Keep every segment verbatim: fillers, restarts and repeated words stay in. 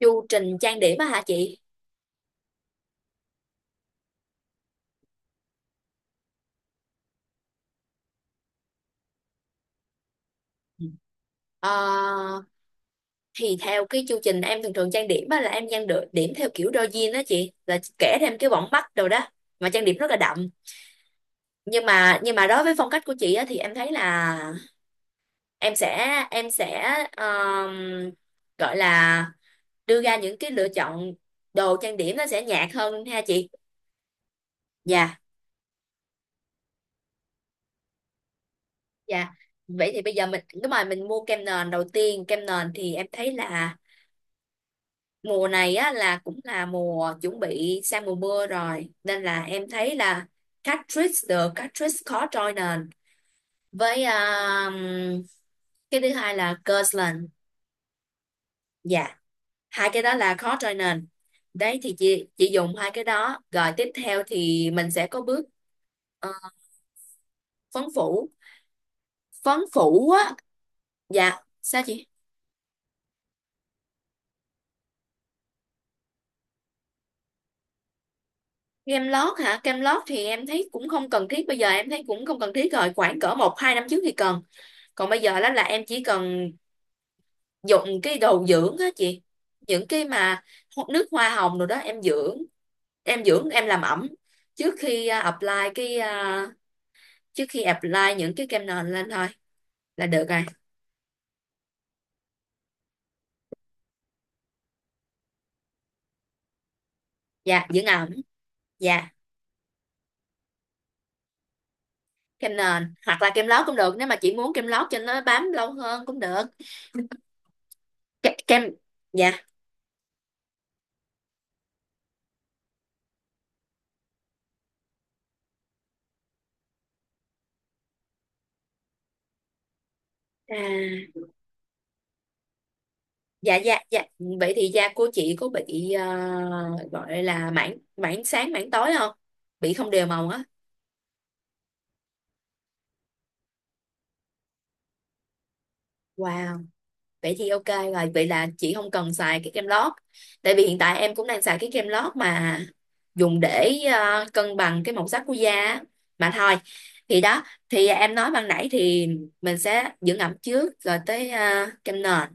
Chu trình trang điểm á hả chị? Ừ. Ờ, thì theo cái chu trình em thường thường trang điểm á là em trang được điểm theo kiểu đôi jean đó chị, là kẻ thêm cái bỏng mắt đồ đó mà trang điểm rất là đậm, nhưng mà nhưng mà đối với phong cách của chị á thì em thấy là em sẽ em sẽ ờm, gọi là đưa ra những cái lựa chọn, đồ trang điểm nó sẽ nhạt hơn ha chị. Dạ dạ, vậy thì bây giờ mình đúng rồi, mình mua kem nền đầu tiên. Kem nền thì em thấy là mùa này á là cũng là mùa chuẩn bị sang mùa mưa rồi, nên là em thấy là Catrice, the Catrice khó trôi nền, với um, cái thứ hai là Kirtland. Dạ, hai cái đó là khó trôi nền. Đấy, thì chị chị dùng hai cái đó rồi tiếp theo thì mình sẽ có bước ờ, phấn phủ, phấn phủ á. Dạ, sao chị? Kem lót hả? Kem lót thì em thấy cũng không cần thiết, bây giờ em thấy cũng không cần thiết rồi, khoảng cỡ một hai năm trước thì cần. Còn bây giờ đó là em chỉ cần dùng cái đồ dưỡng á chị, những cái mà ho- nước hoa hồng rồi đó, em dưỡng, em dưỡng, em làm ẩm trước khi à, apply cái à, trước khi apply những cái kem nền lên thôi là được rồi. Dạ, dưỡng ẩm. Dạ, kem nền hoặc là kem lót cũng được, nếu mà chị muốn kem lót cho nó bám lâu hơn cũng được. Ke-, kem. Dạ, à, dạ dạ dạ, vậy thì da của chị có bị à, gọi là mảng, mảng sáng mảng tối không, bị không đều màu á? Wow, vậy thì ok, rồi vậy là chị không cần xài cái kem lót, tại vì hiện tại em cũng đang xài cái kem lót mà dùng để ờ, cân bằng cái màu sắc của da á. Mà thôi, thì đó, thì em nói ban nãy thì mình sẽ dưỡng ẩm trước rồi tới ờ, kem nền,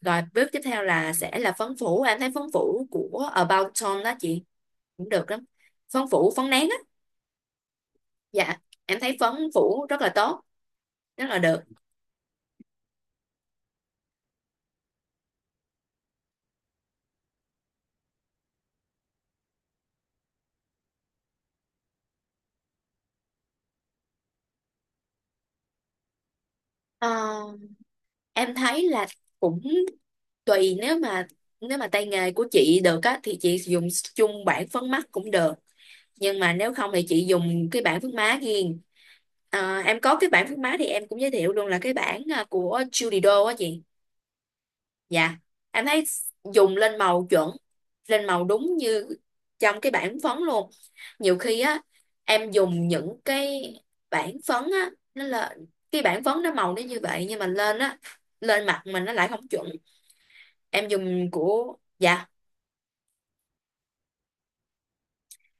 rồi bước tiếp theo là sẽ là phấn phủ. Em thấy phấn phủ của About Tom đó chị cũng được lắm, phấn phủ phấn nén á. Dạ, em thấy phấn phủ rất là tốt, rất là được. Ờ, em thấy là cũng tùy, nếu mà nếu mà tay nghề của chị được á thì chị dùng chung bảng phấn mắt cũng được, nhưng mà nếu không thì chị dùng cái bảng phấn má riêng. Ờ, em có cái bảng phấn má thì em cũng giới thiệu luôn là cái bảng à, của Judy Do á chị. Dạ, em thấy dùng lên màu chuẩn, lên màu đúng như trong cái bảng phấn luôn. Nhiều khi á em dùng những cái bảng phấn á, nó là cái bảng phấn nó màu nó như vậy nhưng mà lên á, lên mặt mình nó lại không chuẩn. Em dùng của, dạ,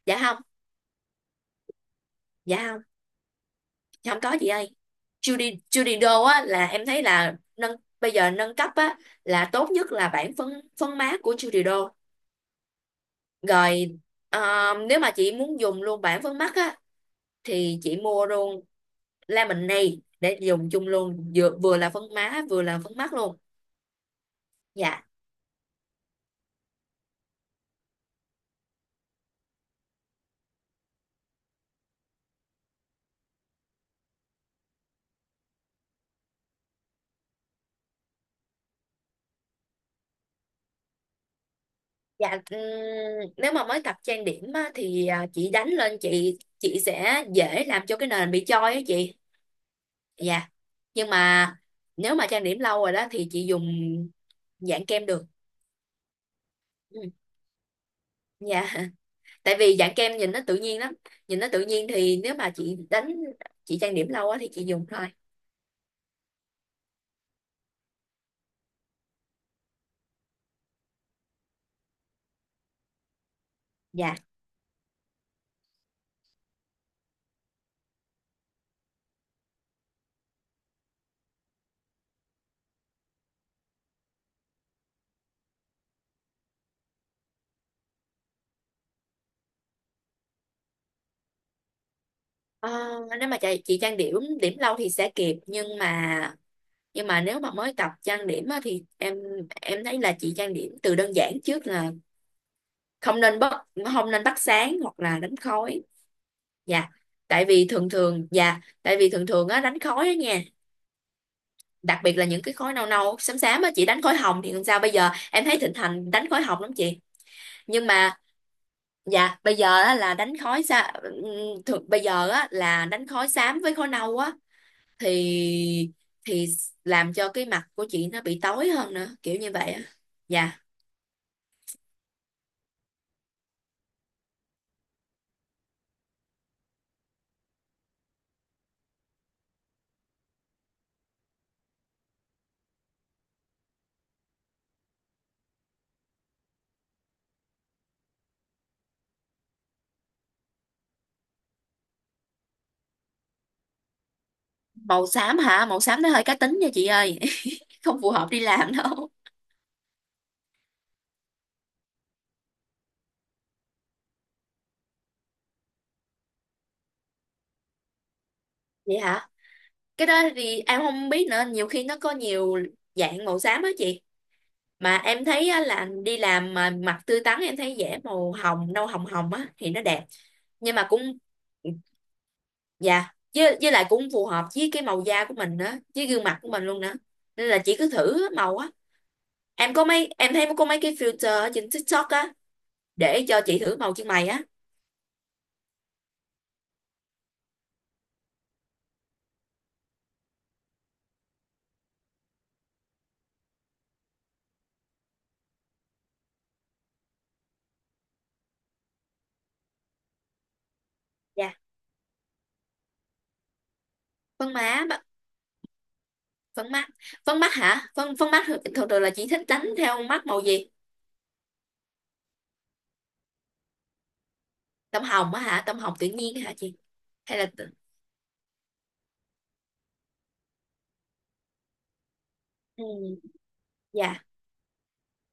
dạ không, dạ không, dạ không có chị ơi. Judy Judy Do á là em thấy là nâng, bây giờ nâng cấp á là tốt nhất là bản phấn, phấn mát của Judy Do rồi. Ờ, nếu mà chị muốn dùng luôn bản phấn mắt á thì chị mua luôn Lemonade để dùng chung luôn, vừa, vừa là phấn má vừa là phấn mắt luôn. Dạ, dạ, ừm, nếu mà mới tập trang điểm á, thì à, chị đánh lên, chị chị sẽ dễ làm cho cái nền bị choi á chị. Dạ, nhưng mà nếu mà trang điểm lâu rồi đó thì chị dùng dạng kem được. Ừ. Dạ. Tại vì dạng kem nhìn nó tự nhiên lắm, nhìn nó tự nhiên thì nếu mà chị đánh, chị trang điểm lâu á thì chị dùng thôi. Dạ. Ờ, nếu mà chị, chị trang điểm điểm lâu thì sẽ kịp, nhưng mà nhưng mà nếu mà mới tập trang điểm á, thì em em thấy là chị trang điểm từ đơn giản trước là không nên bắt, không nên bắt sáng hoặc là đánh khói. Dạ, tại vì thường thường, dạ tại vì thường thường á đánh khói á nha, đặc biệt là những cái khối nâu nâu xám xám á, chị đánh khối hồng thì làm sao, bây giờ em thấy thịnh hành đánh khối hồng lắm chị. Nhưng mà, dạ bây giờ á là đánh khối xa, thường bây giờ á là đánh khối xám với khối nâu á, thì thì làm cho cái mặt của chị nó bị tối hơn nữa kiểu như vậy á. Dạ, màu xám hả? Màu xám nó hơi cá tính nha chị ơi. Không phù hợp đi làm đâu. Vậy hả? Cái đó thì em không biết nữa, nhiều khi nó có nhiều dạng màu xám á chị, mà em thấy á là đi làm mà mặt tươi tắn em thấy vẽ màu hồng nâu hồng hồng á thì nó đẹp. Nhưng mà cũng, dạ với, với lại cũng phù hợp với cái màu da của mình nữa, với gương mặt của mình luôn nữa, nên là chị cứ thử màu á. Em có mấy em thấy có mấy cái filter ở trên TikTok á để cho chị thử màu chân mày á. Dạ, phấn má ba-, phấn mắt, phấn mắt hả? Phấn phấn mắt thường thường là chị thích đánh theo mắt màu gì? Tông hồng á hả, tông hồng tự nhiên hả chị? Hay là tự-, ừ, dạ.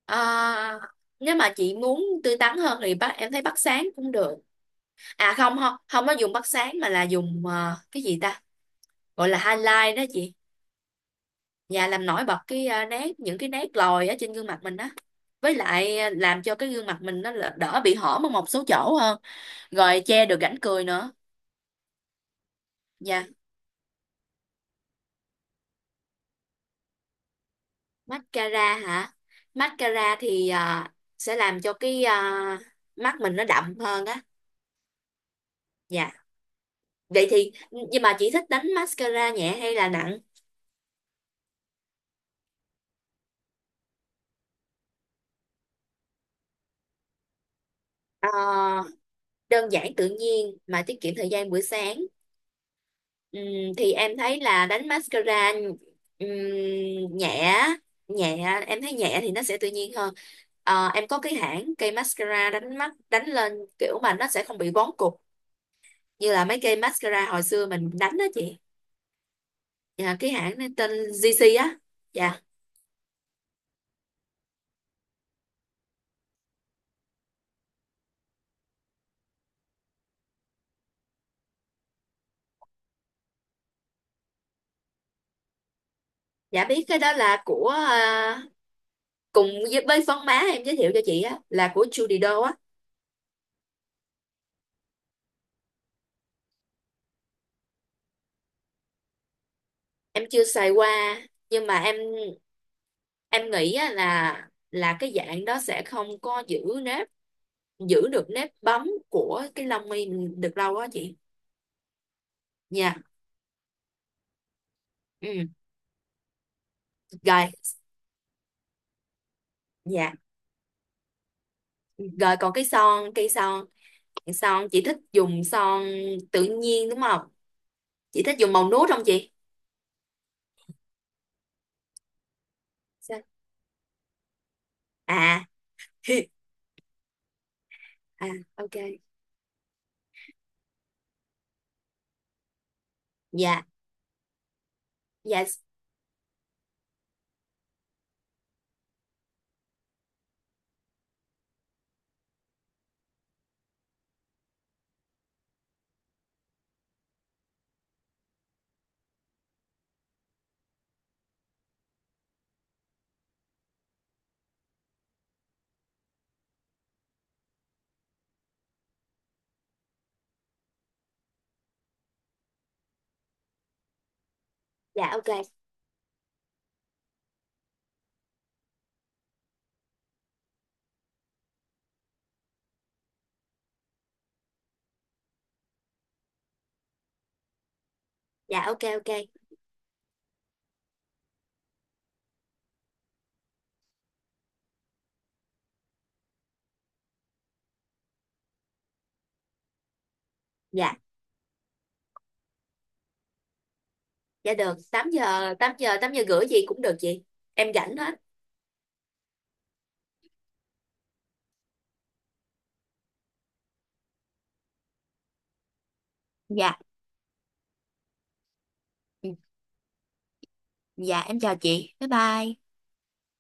À, nếu mà chị muốn tươi tắn hơn thì bắt em thấy bắt sáng cũng được. À không không, không có dùng bắt sáng mà là dùng ờ, cái gì ta? Gọi là highlight đó chị. Và làm nổi bật cái ờ, nét, những cái nét lồi ở trên gương mặt mình á. Với lại ờ, làm cho cái gương mặt mình nó là-, đỡ bị hõm ở một số chỗ hơn. Rồi che được rãnh cười nữa. Dạ, mascara hả? Mascara thì ờ, sẽ làm cho cái ờ, mắt mình nó đậm hơn á. Dạ. Vậy thì nhưng mà chị thích đánh mascara nhẹ hay là nặng? Ờ, đơn giản tự nhiên mà tiết kiệm thời gian buổi sáng. Ừm, thì em thấy là đánh mascara ừm, nhẹ, nhẹ em thấy nhẹ thì nó sẽ tự nhiên hơn. Ờ, em có cái hãng cây mascara đánh mắt đánh lên kiểu mà nó sẽ không bị vón cục như là mấy cây mascara hồi xưa mình đánh đó chị. Dạ, cái hãng này tên gi xi á. Dạ dạ, biết cái đó là của à, cùng với với phấn má em giới thiệu cho chị á là của Judy Do á. Em chưa xài qua nhưng mà em em nghĩ á là là cái dạng đó sẽ không có giữ nếp, giữ được nếp bóng của cái lông mi mình được lâu á chị. Nha. Ừ. Rồi. Dạ, rồi còn cái son, cây son son chị thích dùng son tự nhiên đúng không, chị thích dùng màu nude không chị? Sao? À, à, ok. Dạ. Dạ dạ ok, dạ ok ok, dạ dạ được, tám giờ, tám giờ, tám giờ rưỡi gì cũng được chị, em rảnh hết. Dạ. Ừ. Dạ em chào chị. Bye bye.